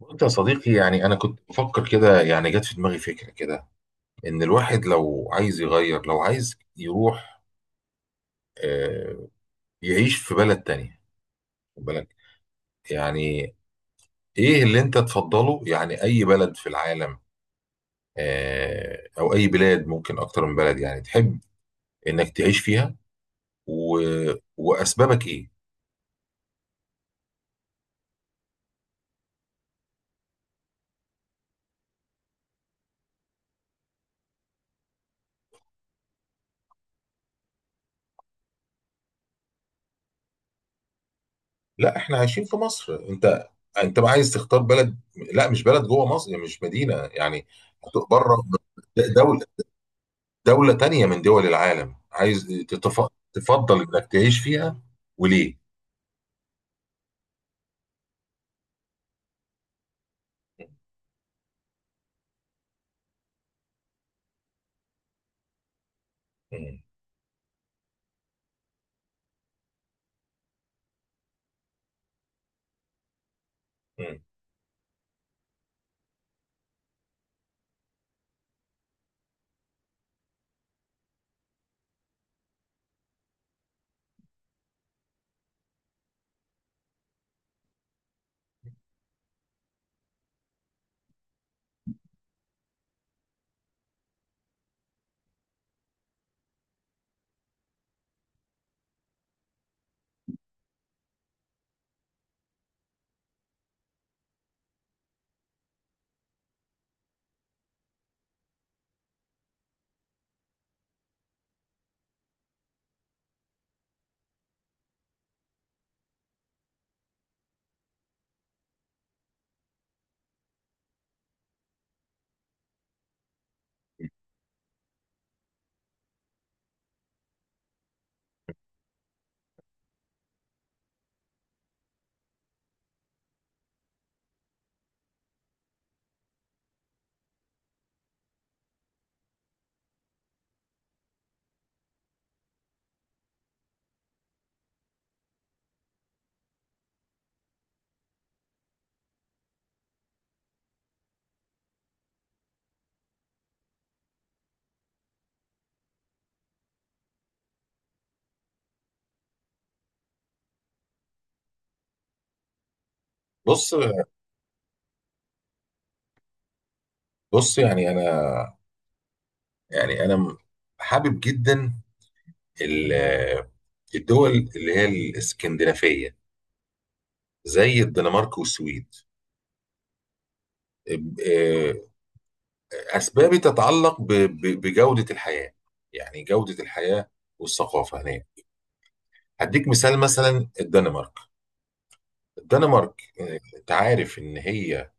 قلت يا صديقي، أنا كنت بفكر كده. جت في دماغي فكرة كده، إن الواحد لو عايز يغير، لو عايز يروح آه، يعيش في بلد تانية. خد بالك، يعني إيه اللي أنت تفضله؟ يعني أي بلد في العالم، أو أي بلاد، ممكن أكتر من بلد، تحب إنك تعيش فيها، و... وأسبابك إيه؟ لا، إحنا عايشين في مصر. أنت بقى عايز تختار بلد، لا مش بلد جوه مصر، يعني مش مدينة يعني. بره، دولة، دولة تانية من دول العالم، عايز تفضل انك تعيش فيها. وليه؟ مم. مم. بص. بص، يعني انا م- حابب جدا ال- الدول اللي هي الاسكندنافية، زي الدنمارك والسويد. ب- آه، اسبابي تتعلق بجودة الحياة. يعني جودة الحياة والثقافة هناك. هديك مثال، مثلا الدنمارك، انت عارف ان هي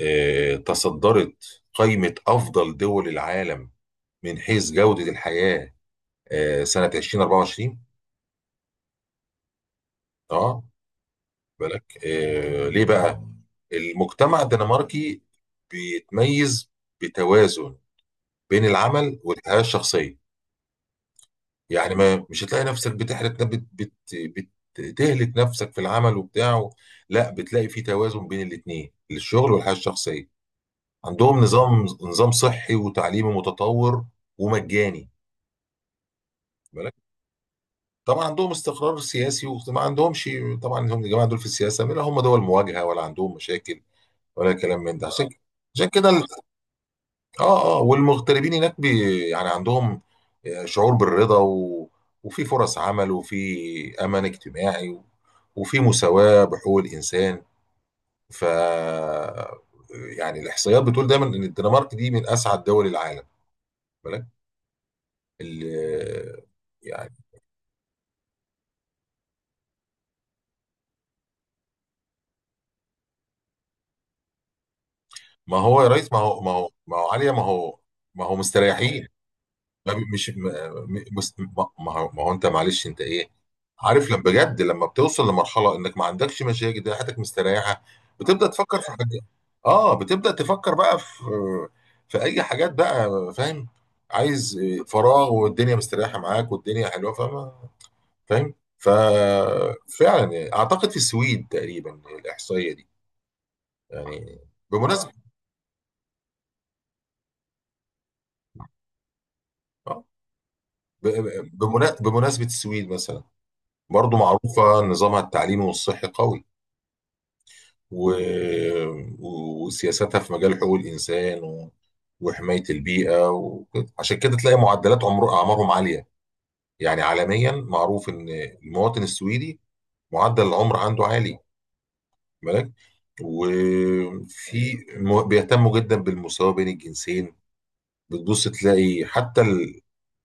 تصدرت قائمة أفضل دول العالم من حيث جودة الحياة سنة 2024. اه، بالك؟ ليه بقى؟ المجتمع الدنماركي بيتميز بتوازن بين العمل والحياة الشخصية. يعني ما مش هتلاقي نفسك بتحرق، بت بت بت تهلك نفسك في العمل وبتاعه. لا، بتلاقي في توازن بين الاتنين، الشغل والحياة الشخصية. عندهم نظام صحي وتعليمي متطور ومجاني. طبعا عندهم استقرار سياسي، وما عندهمش، طبعا هم الجماعه دول في السياسه لا هم دول مواجهه، ولا عندهم مشاكل، ولا كلام من ده. عشان اه كده، عشان كده ال- اه اه، والمغتربين هناك بي يعني عندهم شعور بالرضا، وفي فرص عمل، وفي امان اجتماعي، وفي مساواه بحقوق الانسان. ف الاحصائيات بتقول دايما ان الدنمارك دي من اسعد دول العالم. بالك ال... يعني. ما هو يا ريس، ما هو عليا، ما هو، ما هو مستريحين. ما بي- مش م- م- مس- ما ما هو، ما هو انت، معلش انت، ايه عارف، لما بجد، لما بتوصل لمرحله انك ما عندكش مشاكل، ده حياتك مستريحه، بتبدا تفكر في حاجات. اه، بتبدا تفكر بقى في، في اي حاجات بقى، فاهم؟ عايز فراغ، والدنيا مستريحه معاك، والدنيا حلوه، فاهم؟ فاهم؟ ففعلا اعتقد في السويد تقريبا الاحصائيه دي. يعني بمناسبه، آه، بمناسبه السويد مثلا، برضو معروفه نظامها التعليمي والصحي قوي، و... وسياساتها في مجال حقوق الإنسان، وحماية البيئة وكده. عشان كده تلاقي أعمارهم عالية. يعني عالميا معروف إن المواطن السويدي معدل العمر عنده عالي، بالك؟ بيهتموا جدا بالمساواة بين الجنسين. بتبص تلاقي حتى ال...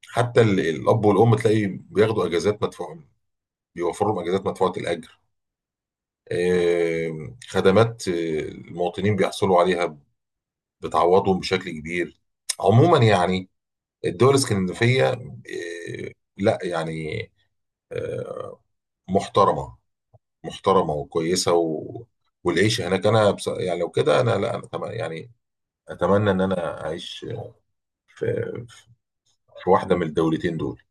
حتى ال... الأب والأم تلاقي بياخدوا أجازات مدفوعة، بيوفروا لهم أجازات مدفوعة الأجر. خدمات المواطنين بيحصلوا عليها، بتعوضهم بشكل كبير. عموما، يعني الدول الاسكندنافية، آه، لا يعني آه، محترمة، محترمة وكويسة، والعيش هناك. يعني لو كده، أنا لا أنا أتم... يعني أتمنى إن أنا أعيش في... في واحدة من الدولتين دول.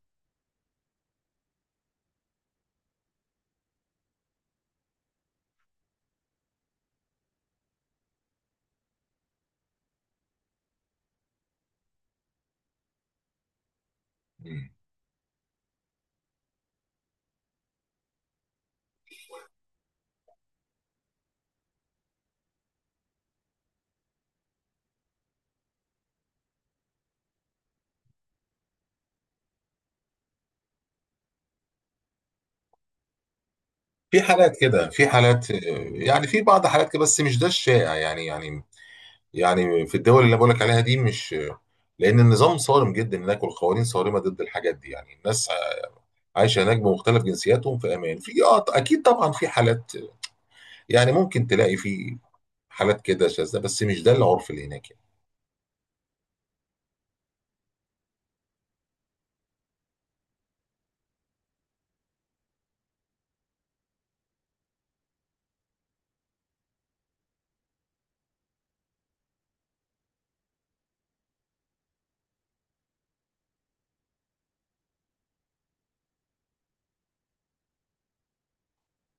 مم. في حالات كده، في حالات، في بعض حالات كده، بس مش ده الشائع، يعني في الدول اللي بقولك عليها دي، مش، لأن النظام صارم جدا هناك، والقوانين صارمة ضد الحاجات دي، يعني الناس عايش هناك بمختلف جنسياتهم في امان. في، اه اكيد طبعا في حالات، يعني ممكن تلاقي في حالات كده شاذة، بس مش ده العرف اللي هناك يعني.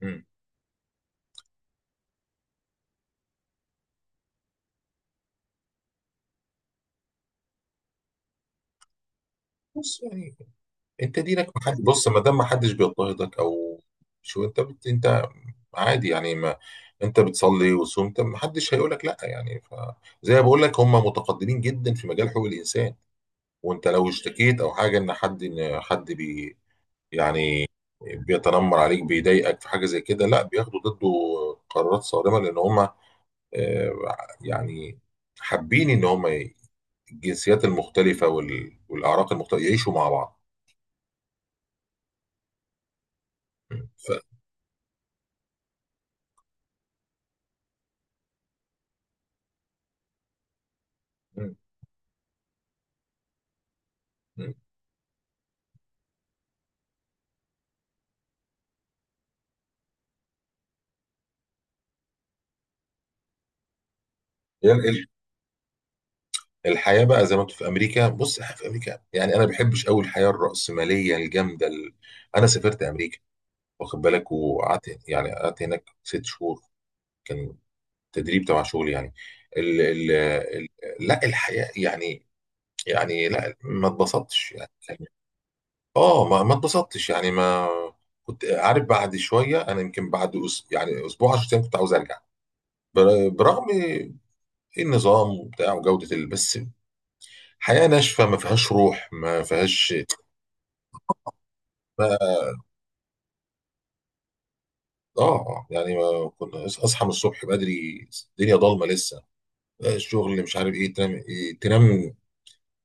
مم. بص، يعني انت دينك، ما حد، بص ما دام ما حدش بيضطهدك، او انت عادي، يعني ما انت بتصلي وصمت، ما حدش هيقول لك لا، زي ما بقول لك هم متقدمين جدا في مجال حقوق الانسان. وانت لو اشتكيت او حاجه، ان حد ان حد بي... يعني بيتنمر عليك، بيضايقك في حاجه زي كده، لا بياخدوا ضده قرارات صارمه، لان هم آه، يعني حابين ان هم الجنسيات المختلفه والاعراق المختلفه يعيشوا مع بعض. ف... م- م. يعني الحياه بقى زي ما انتوا في امريكا. بص، احنا في امريكا، يعني انا ما بحبش قوي الحياه الراسماليه الجامده انا سافرت امريكا، واخد بالك، وقعدت، يعني قعدت هناك ست شهور. كان تدريب تبع شغل يعني. ال... ال... ال... لا الحياه، لا، ما اتبسطتش يعني. اه، ما ما اتبسطتش يعني. ما كنت عارف بعد شويه، انا يمكن بعد يعني اسبوع 10 ايام كنت عاوز ارجع. برغم إيه، النظام وبتاع وجوده بس حياه ناشفه، ما فيهاش روح، ما فيهاش ما... اه، يعني ما كنا، اصحى من الصبح بدري، الدنيا ضلمه لسه، الشغل، مش عارف ايه، تنام، إيه تنام،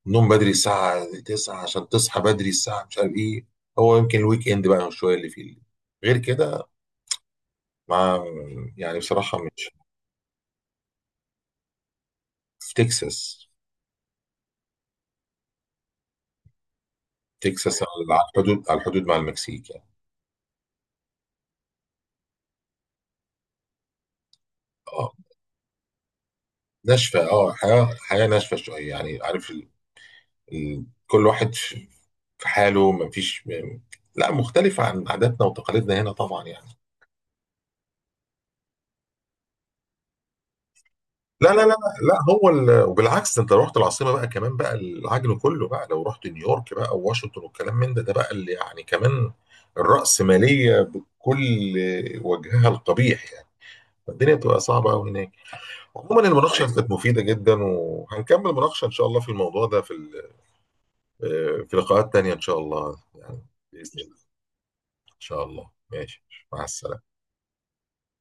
نوم بدري الساعه 9 عشان تصحى بدري الساعه مش عارف ايه. هو يمكن الويك اند بقى شويه اللي فيه غير كده. مع، يعني بصراحة مش، في تكساس. تكساس على الحدود، على الحدود مع المكسيك يعني. اه ناشفة، اه، حياة، حياة ناشفة شوية يعني. عارف كل واحد في في حاله، لا مختلف عن عاداتنا وتقاليدنا هنا طبعا يعني. لا لا لا لا لا، وبالعكس، ده انت لو رحت العاصمة بقى، كمان بقى العجل كله، بقى لو رحت نيويورك بقى وواشنطن والكلام من ده، ده بقى اللي يعني كمان الرأسمالية بكل وجهها القبيح يعني. الدنيا بتبقى صعبة قوي هناك. عموما، المناقشة كانت مفيدة جدا، وهنكمل مناقشة إن شاء الله في الموضوع ده، في ال- آه، في لقاءات تانية إن شاء الله يعني. بإذن الله. إن شاء الله. ماشي، مع السلامة.